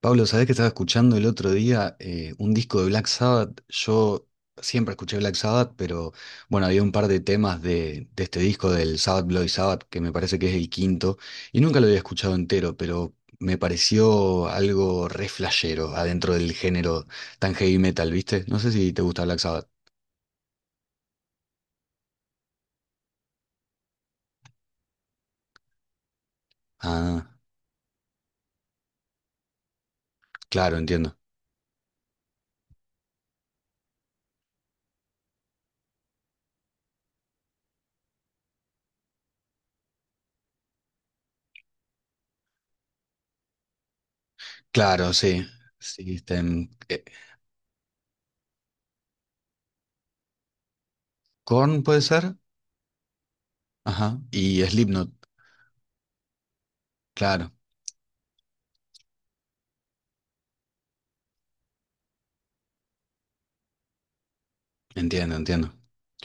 Pablo, ¿sabés que estaba escuchando el otro día un disco de Black Sabbath? Yo siempre escuché Black Sabbath, pero bueno, había un par de temas de este disco del Sabbath Bloody Sabbath, que me parece que es el quinto, y nunca lo había escuchado entero, pero me pareció algo re flashero adentro del género tan heavy metal, ¿viste? No sé si te gusta Black Sabbath. Ah, claro, entiendo. Claro, sí. Sí, este, Korn puede ser. Ajá. Y Slipknot, claro. Entiendo, entiendo.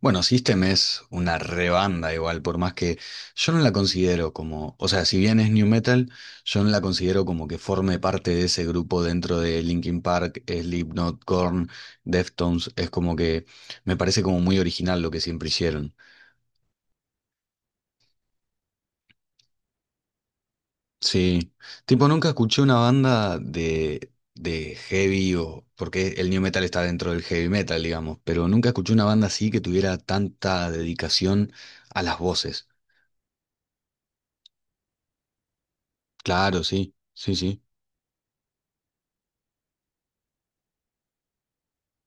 Bueno, System es una rebanda igual, por más que yo no la considero como, o sea, si bien es new metal, yo no la considero como que forme parte de ese grupo dentro de Linkin Park, Slipknot, Korn, Deftones, es como que me parece como muy original lo que siempre hicieron. Sí, tipo nunca escuché una banda de heavy o, porque el new metal está dentro del heavy metal, digamos, pero nunca escuché una banda así que tuviera tanta dedicación a las voces. Claro, sí, sí, sí.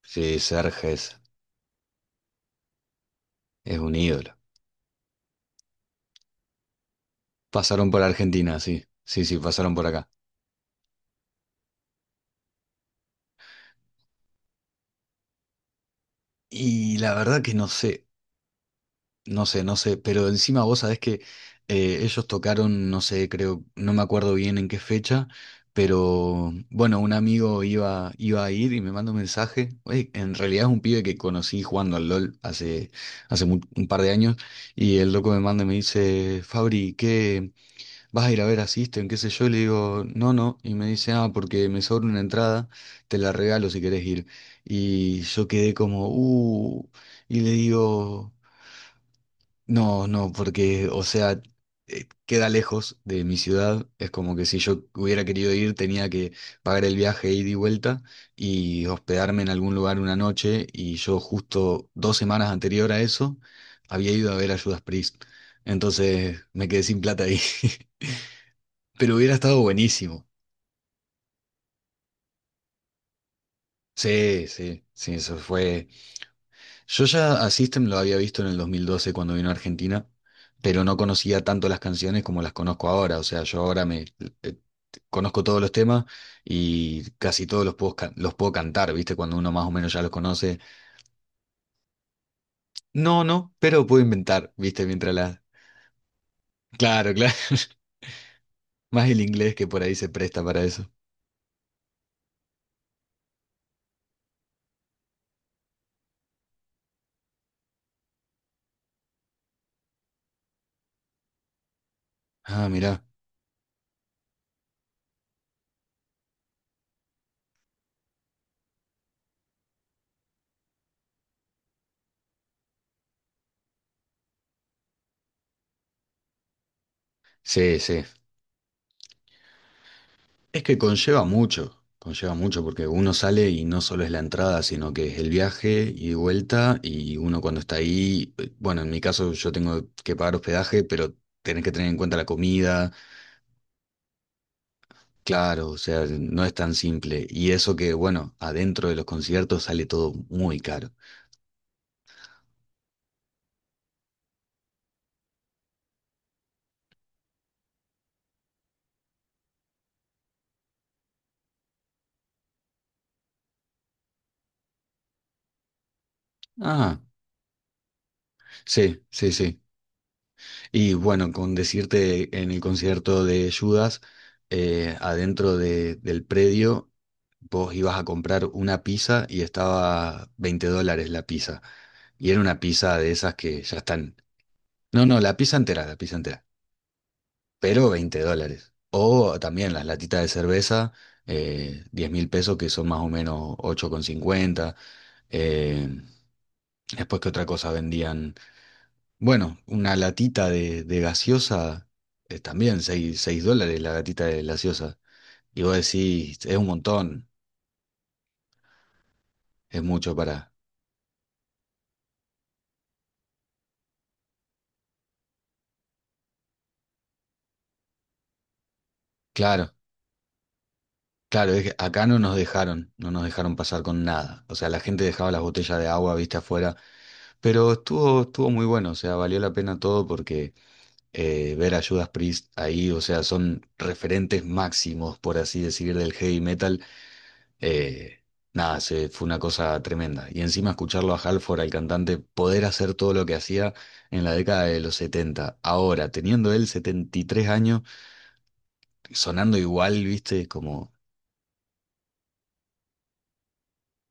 Sí, Serge es un ídolo. Pasaron por Argentina, sí, sí, sí, pasaron por acá. Y la verdad que no sé, no sé, no sé, pero encima vos sabés que ellos tocaron, no sé, creo, no me acuerdo bien en qué fecha, pero bueno, un amigo iba a ir y me manda un mensaje. Oye, en realidad es un pibe que conocí jugando al LOL hace, un par de años y el loco me manda y me dice, Fabri, ¿qué? Vas a ir a ver a System, qué sé yo, y le digo, no, no, y me dice, ah, porque me sobra una entrada, te la regalo si querés ir. Y yo quedé como, y le digo, no, no, porque, o sea, queda lejos de mi ciudad, es como que si yo hubiera querido ir, tenía que pagar el viaje ida y vuelta y hospedarme en algún lugar una noche, y yo justo 2 semanas anterior a eso había ido a ver a Judas Priest. Entonces me quedé sin plata ahí. Pero hubiera estado buenísimo. Sí, sí, sí, eso fue. Yo ya a System lo había visto en el 2012 cuando vino a Argentina, pero no conocía tanto las canciones como las conozco ahora. O sea, yo ahora me eh, conozco todos los temas y casi todos los puedo, los puedo cantar, ¿viste? Cuando uno más o menos ya los conoce. No, no, pero puedo inventar, ¿viste? Mientras la. Claro, claro. Más el inglés que por ahí se presta para eso. Ah, mirá. Sí, sí. Es que conlleva mucho porque uno sale y no solo es la entrada, sino que es el viaje y vuelta y uno cuando está ahí, bueno, en mi caso yo tengo que pagar hospedaje, pero tenés que tener en cuenta la comida, claro, o sea, no es tan simple. Y eso que, bueno, adentro de los conciertos sale todo muy caro. Ah, sí, sí, sí. Y bueno, con decirte en el concierto de Judas, adentro del predio, vos ibas a comprar una pizza y estaba 20 dólares la pizza. Y era una pizza de esas que ya están. No, no, la pizza entera, la pizza entera. Pero 20 dólares. O también las latitas de cerveza, 10 mil pesos, que son más o menos 8,50. Eh, después, ¿qué otra cosa vendían? Bueno, una latita de gaseosa, también seis dólares la latita de gaseosa. Y vos decís, es un montón, es mucho para... Claro, claro, es que acá no nos dejaron pasar con nada. O sea, la gente dejaba las botellas de agua, viste, afuera. Pero estuvo muy bueno, o sea, valió la pena todo porque ver a Judas Priest ahí, o sea, son referentes máximos, por así decir, del heavy metal. Eh, nada, fue una cosa tremenda. Y encima escucharlo a Halford, al cantante, poder hacer todo lo que hacía en la década de los setenta. Ahora, teniendo él 73 años, sonando igual, viste, como,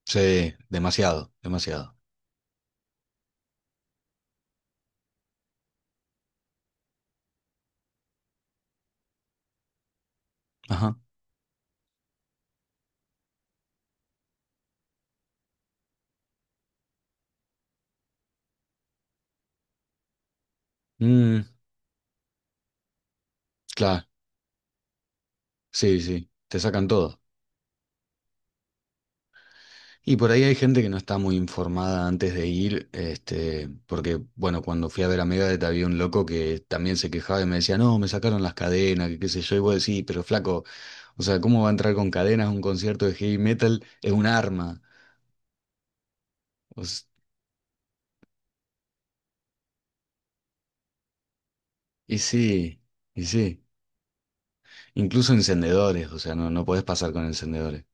sí, demasiado, demasiado. Ajá. Mm, claro, sí, sí, te sacan todo. Y por ahí hay gente que no está muy informada antes de ir, este, porque, bueno, cuando fui a ver a Megadeth había un loco que también se quejaba y me decía, no, me sacaron las cadenas, que qué sé yo, y vos decís, pero flaco, o sea, ¿cómo va a entrar con cadenas a un concierto de heavy metal? Es un arma. O s- y sí, y sí. Incluso encendedores, o sea, no, no podés pasar con encendedores.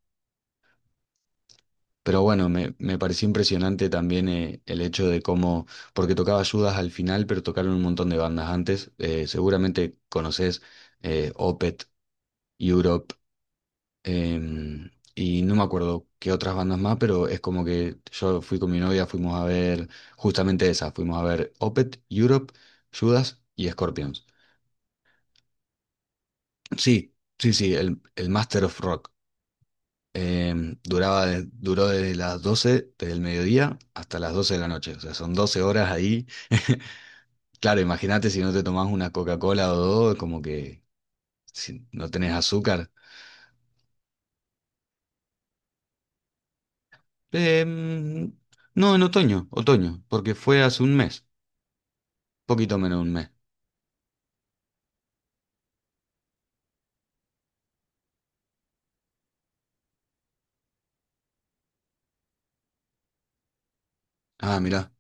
Pero bueno, me pareció impresionante también el hecho de cómo, porque tocaba Judas al final, pero tocaron un montón de bandas antes. Seguramente conoces Opeth, Europe, y no me acuerdo qué otras bandas más, pero es como que yo fui con mi novia, fuimos a ver justamente esa, fuimos a ver Opeth, Europe, Judas y Scorpions. Sí, sí, sí, el Master of Rock. Duraba, duró desde las 12 del mediodía hasta las 12 de la noche. O sea, son 12 horas ahí. Claro, imagínate si no te tomás una Coca-Cola o dos, como que si no tenés azúcar. Em, no, en otoño, otoño, porque fue hace un mes, poquito menos de un mes. Ah, mirá,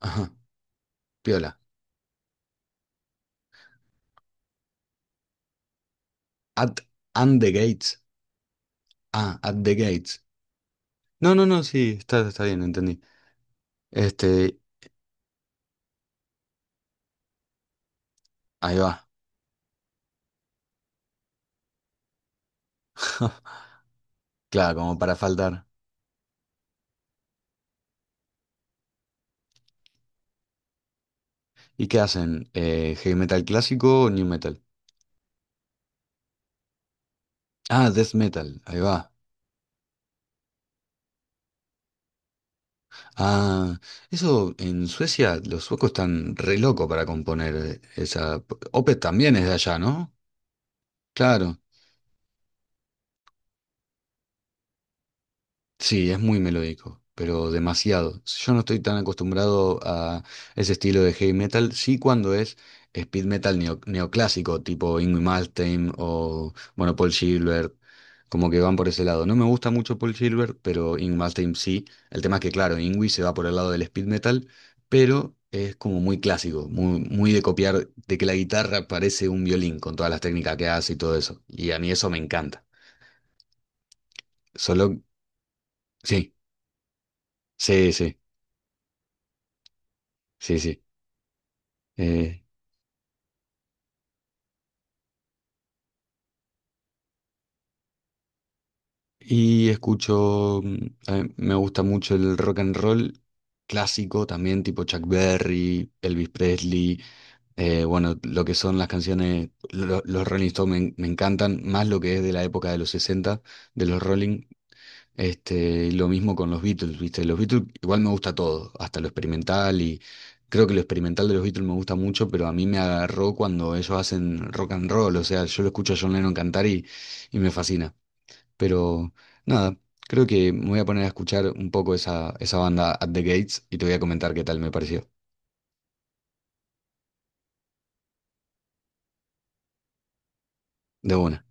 ajá, piola. At and the gates. Ah, at the gates. No, no, no, sí, está, está bien, entendí. Este, ahí va. Claro, como para faltar. ¿Y qué hacen? ¿Heavy metal clásico o new metal? Ah, death metal, ahí va. Ah, eso en Suecia los suecos están re locos para componer esa. Opeth también es de allá, ¿no? Claro. Sí, es muy melódico, pero demasiado. Yo no estoy tan acostumbrado a ese estilo de heavy metal. Sí, cuando es speed metal neoclásico, tipo Ingrid Malmsteen o, bueno, Paul Gilbert, como que van por ese lado. No me gusta mucho Paul Gilbert, pero Ingrid Malmsteen sí. El tema es que, claro, Ingrid se va por el lado del speed metal, pero es como muy clásico, muy, muy de copiar, de que la guitarra parece un violín con todas las técnicas que hace y todo eso. Y a mí eso me encanta. Solo, sí, sí, sí, sí, sí. Eh, y escucho, mm, a mí me gusta mucho el rock and roll clásico también, tipo Chuck Berry, Elvis Presley, bueno, lo que son las canciones, los Rolling Stones me encantan, más lo que es de la época de los 60 de los Rolling, este, y lo mismo con los Beatles, ¿viste? Los Beatles igual me gusta todo, hasta lo experimental y creo que lo experimental de los Beatles me gusta mucho, pero a mí me agarró cuando ellos hacen rock and roll, o sea, yo lo escucho a John Lennon cantar y me fascina. Pero nada, creo que me voy a poner a escuchar un poco esa banda At the Gates y te voy a comentar qué tal me pareció. De una.